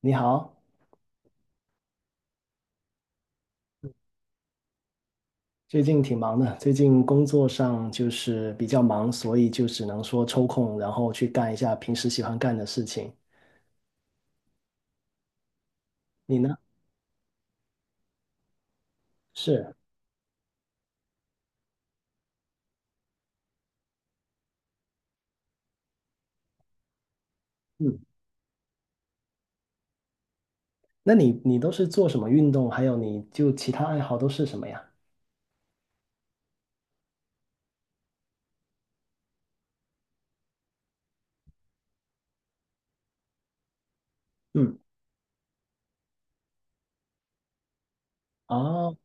你好，最近挺忙的，最近工作上就是比较忙，所以就只能说抽空，然后去干一下平时喜欢干的事情。你呢？是。嗯。那你都是做什么运动？还有你就其他爱好都是什么呀？嗯。哦，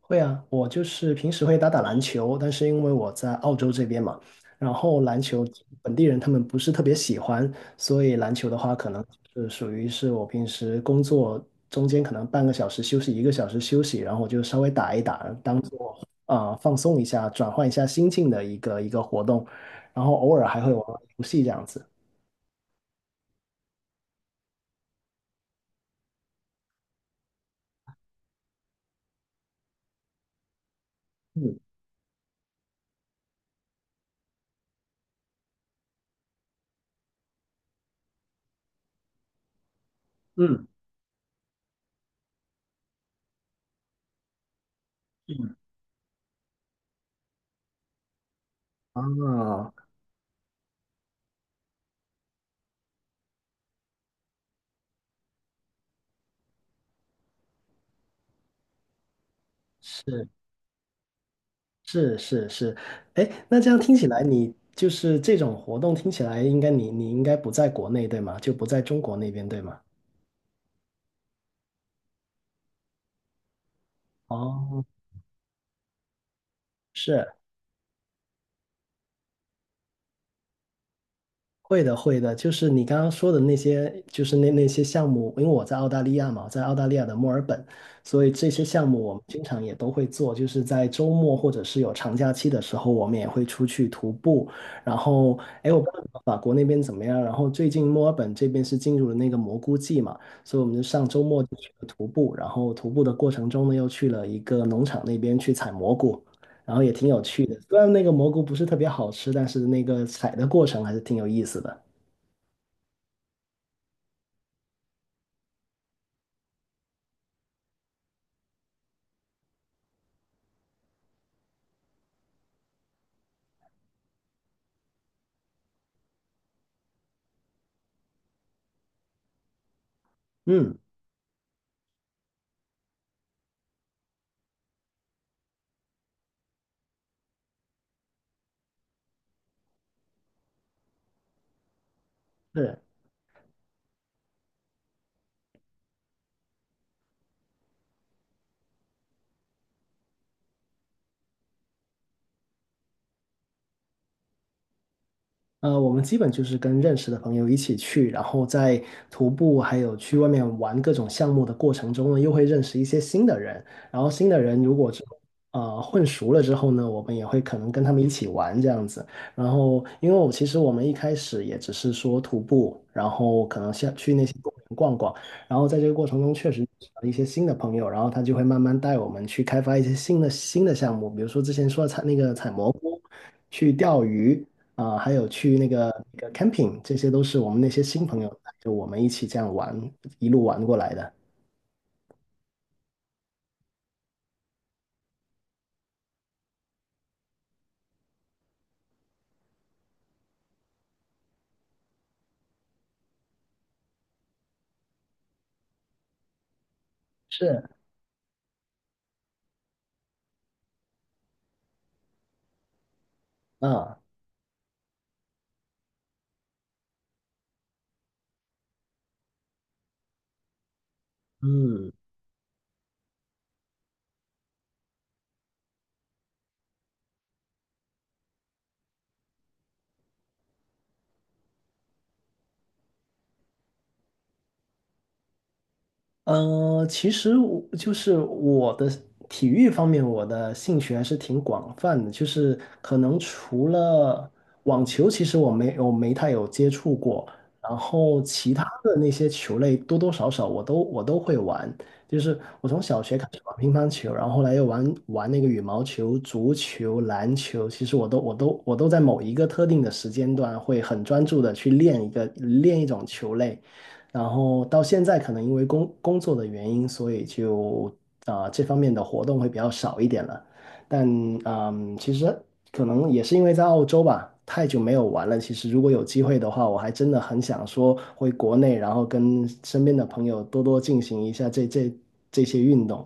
会啊，我就是平时会打打篮球，但是因为我在澳洲这边嘛，然后篮球本地人他们不是特别喜欢，所以篮球的话可能是属于是我平时工作中间可能半个小时休息，一个小时休息，然后我就稍微打一打，当做放松一下，转换一下心境的一个活动，然后偶尔还会玩玩游戏这样子。嗯。嗯。嗯。啊，是。是是是。哎，那这样听起来，你就是这种活动听起来，应该你应该不在国内对吗？就不在中国那边对吗？哦，是。会的，会的，就是你刚刚说的那些，就是那些项目，因为我在澳大利亚嘛，我在澳大利亚的墨尔本，所以这些项目我们经常也都会做，就是在周末或者是有长假期的时候，我们也会出去徒步。然后，哎，我不知道法国那边怎么样，然后最近墨尔本这边是进入了那个蘑菇季嘛，所以我们就上周末就去了徒步，然后徒步的过程中呢，又去了一个农场那边去采蘑菇。然后也挺有趣的。虽然那个蘑菇不是特别好吃，但是那个采的过程还是挺有意思的。嗯，是。我们基本就是跟认识的朋友一起去，然后在徒步还有去外面玩各种项目的过程中呢，又会认识一些新的人。然后新的人如果之后混熟了之后呢，我们也会可能跟他们一起玩这样子。然后，因为我其实我们一开始也只是说徒步，然后可能像去那些公园逛逛，然后在这个过程中确实认识了一些新的朋友，然后他就会慢慢带我们去开发一些新的项目，比如说之前说的采那个采蘑菇。去钓鱼，还有去那个 camping，这些都是我们那些新朋友，就我们一起这样玩，一路玩过来的。是。啊。嗯。呃，其实我就是我的体育方面，我的兴趣还是挺广泛的。就是可能除了网球，其实我没太有接触过。然后其他的那些球类，多多少少我都会玩。就是我从小学开始玩乒乓球，然后后来又玩玩那个羽毛球、足球、篮球。其实我都在某一个特定的时间段会很专注的去练一种球类。然后到现在可能因为工作的原因，所以就这方面的活动会比较少一点了。但嗯，其实可能也是因为在澳洲吧，太久没有玩了。其实如果有机会的话，我还真的很想说回国内，然后跟身边的朋友多多进行一下这些运动。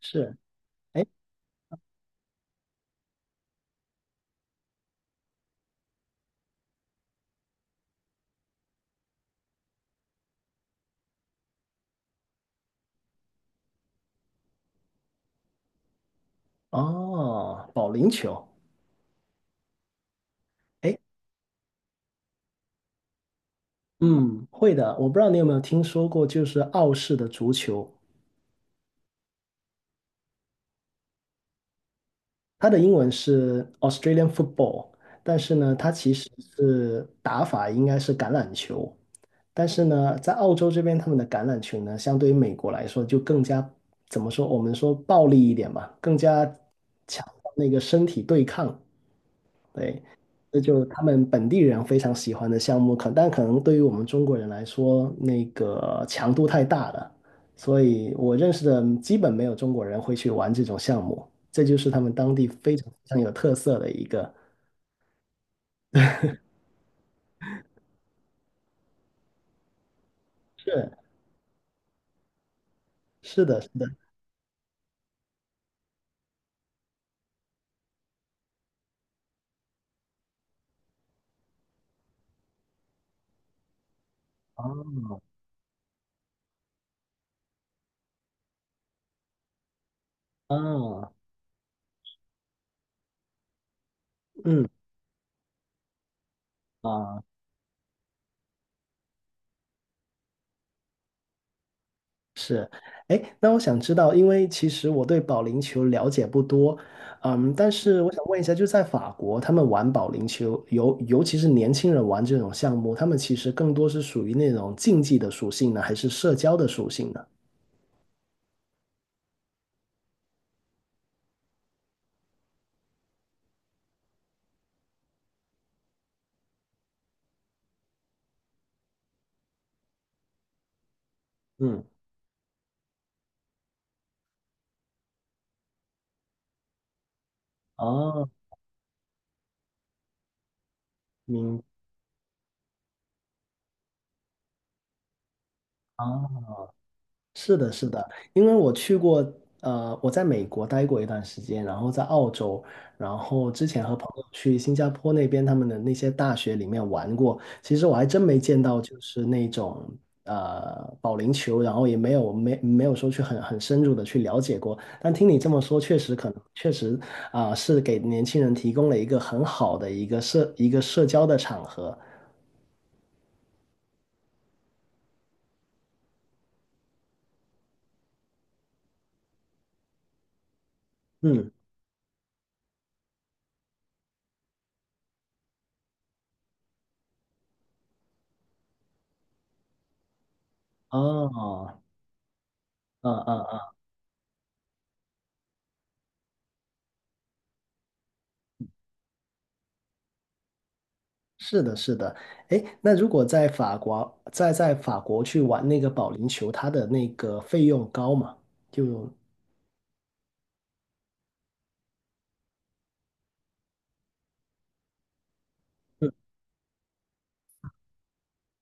是。哎。哦，保龄球。哎。嗯，会的。我不知道你有没有听说过，就是澳式的足球。它的英文是 Australian football，但是呢，它其实是打法应该是橄榄球，但是呢，在澳洲这边，他们的橄榄球呢，相对于美国来说，就更加怎么说，我们说暴力一点吧，更加强调那个身体对抗，对，这就是他们本地人非常喜欢的项目，可但可能对于我们中国人来说，那个强度太大了，所以我认识的基本没有中国人会去玩这种项目，这就是他们当地非常非常有特色的一个。是是的，是的。啊。嗯。啊。是。哎，那我想知道，因为其实我对保龄球了解不多，嗯，但是我想问一下，就在法国，他们玩保龄球，尤其是年轻人玩这种项目，他们其实更多是属于那种竞技的属性呢，还是社交的属性呢？嗯。哦。明。啊，是的，是的，因为我去过，我在美国待过一段时间，然后在澳洲，然后之前和朋友去新加坡那边他们的那些大学里面玩过，其实我还真没见到就是那种保龄球，然后也没有说去很深入的去了解过，但听你这么说，确实可能确实啊，是给年轻人提供了一个很好的一个社交的场合，嗯。哦。嗯。嗯。是的，是的。哎，那如果在法国，在法国去玩那个保龄球，它的那个费用高嘛？就嗯。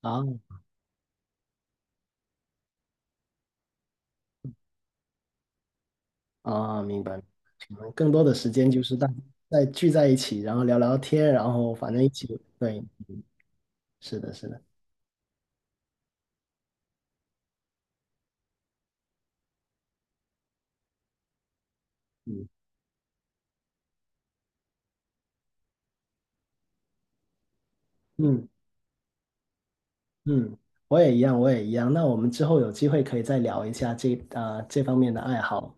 啊。啊，明白，可能更多的时间就是大在聚在一起，然后聊聊天，然后反正一起，对，是的，是的。嗯。嗯。嗯。我也一样，我也一样。那我们之后有机会可以再聊一下这方面的爱好。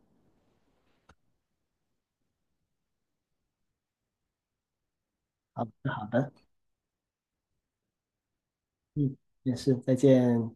好的，好的。嗯，也是，再见。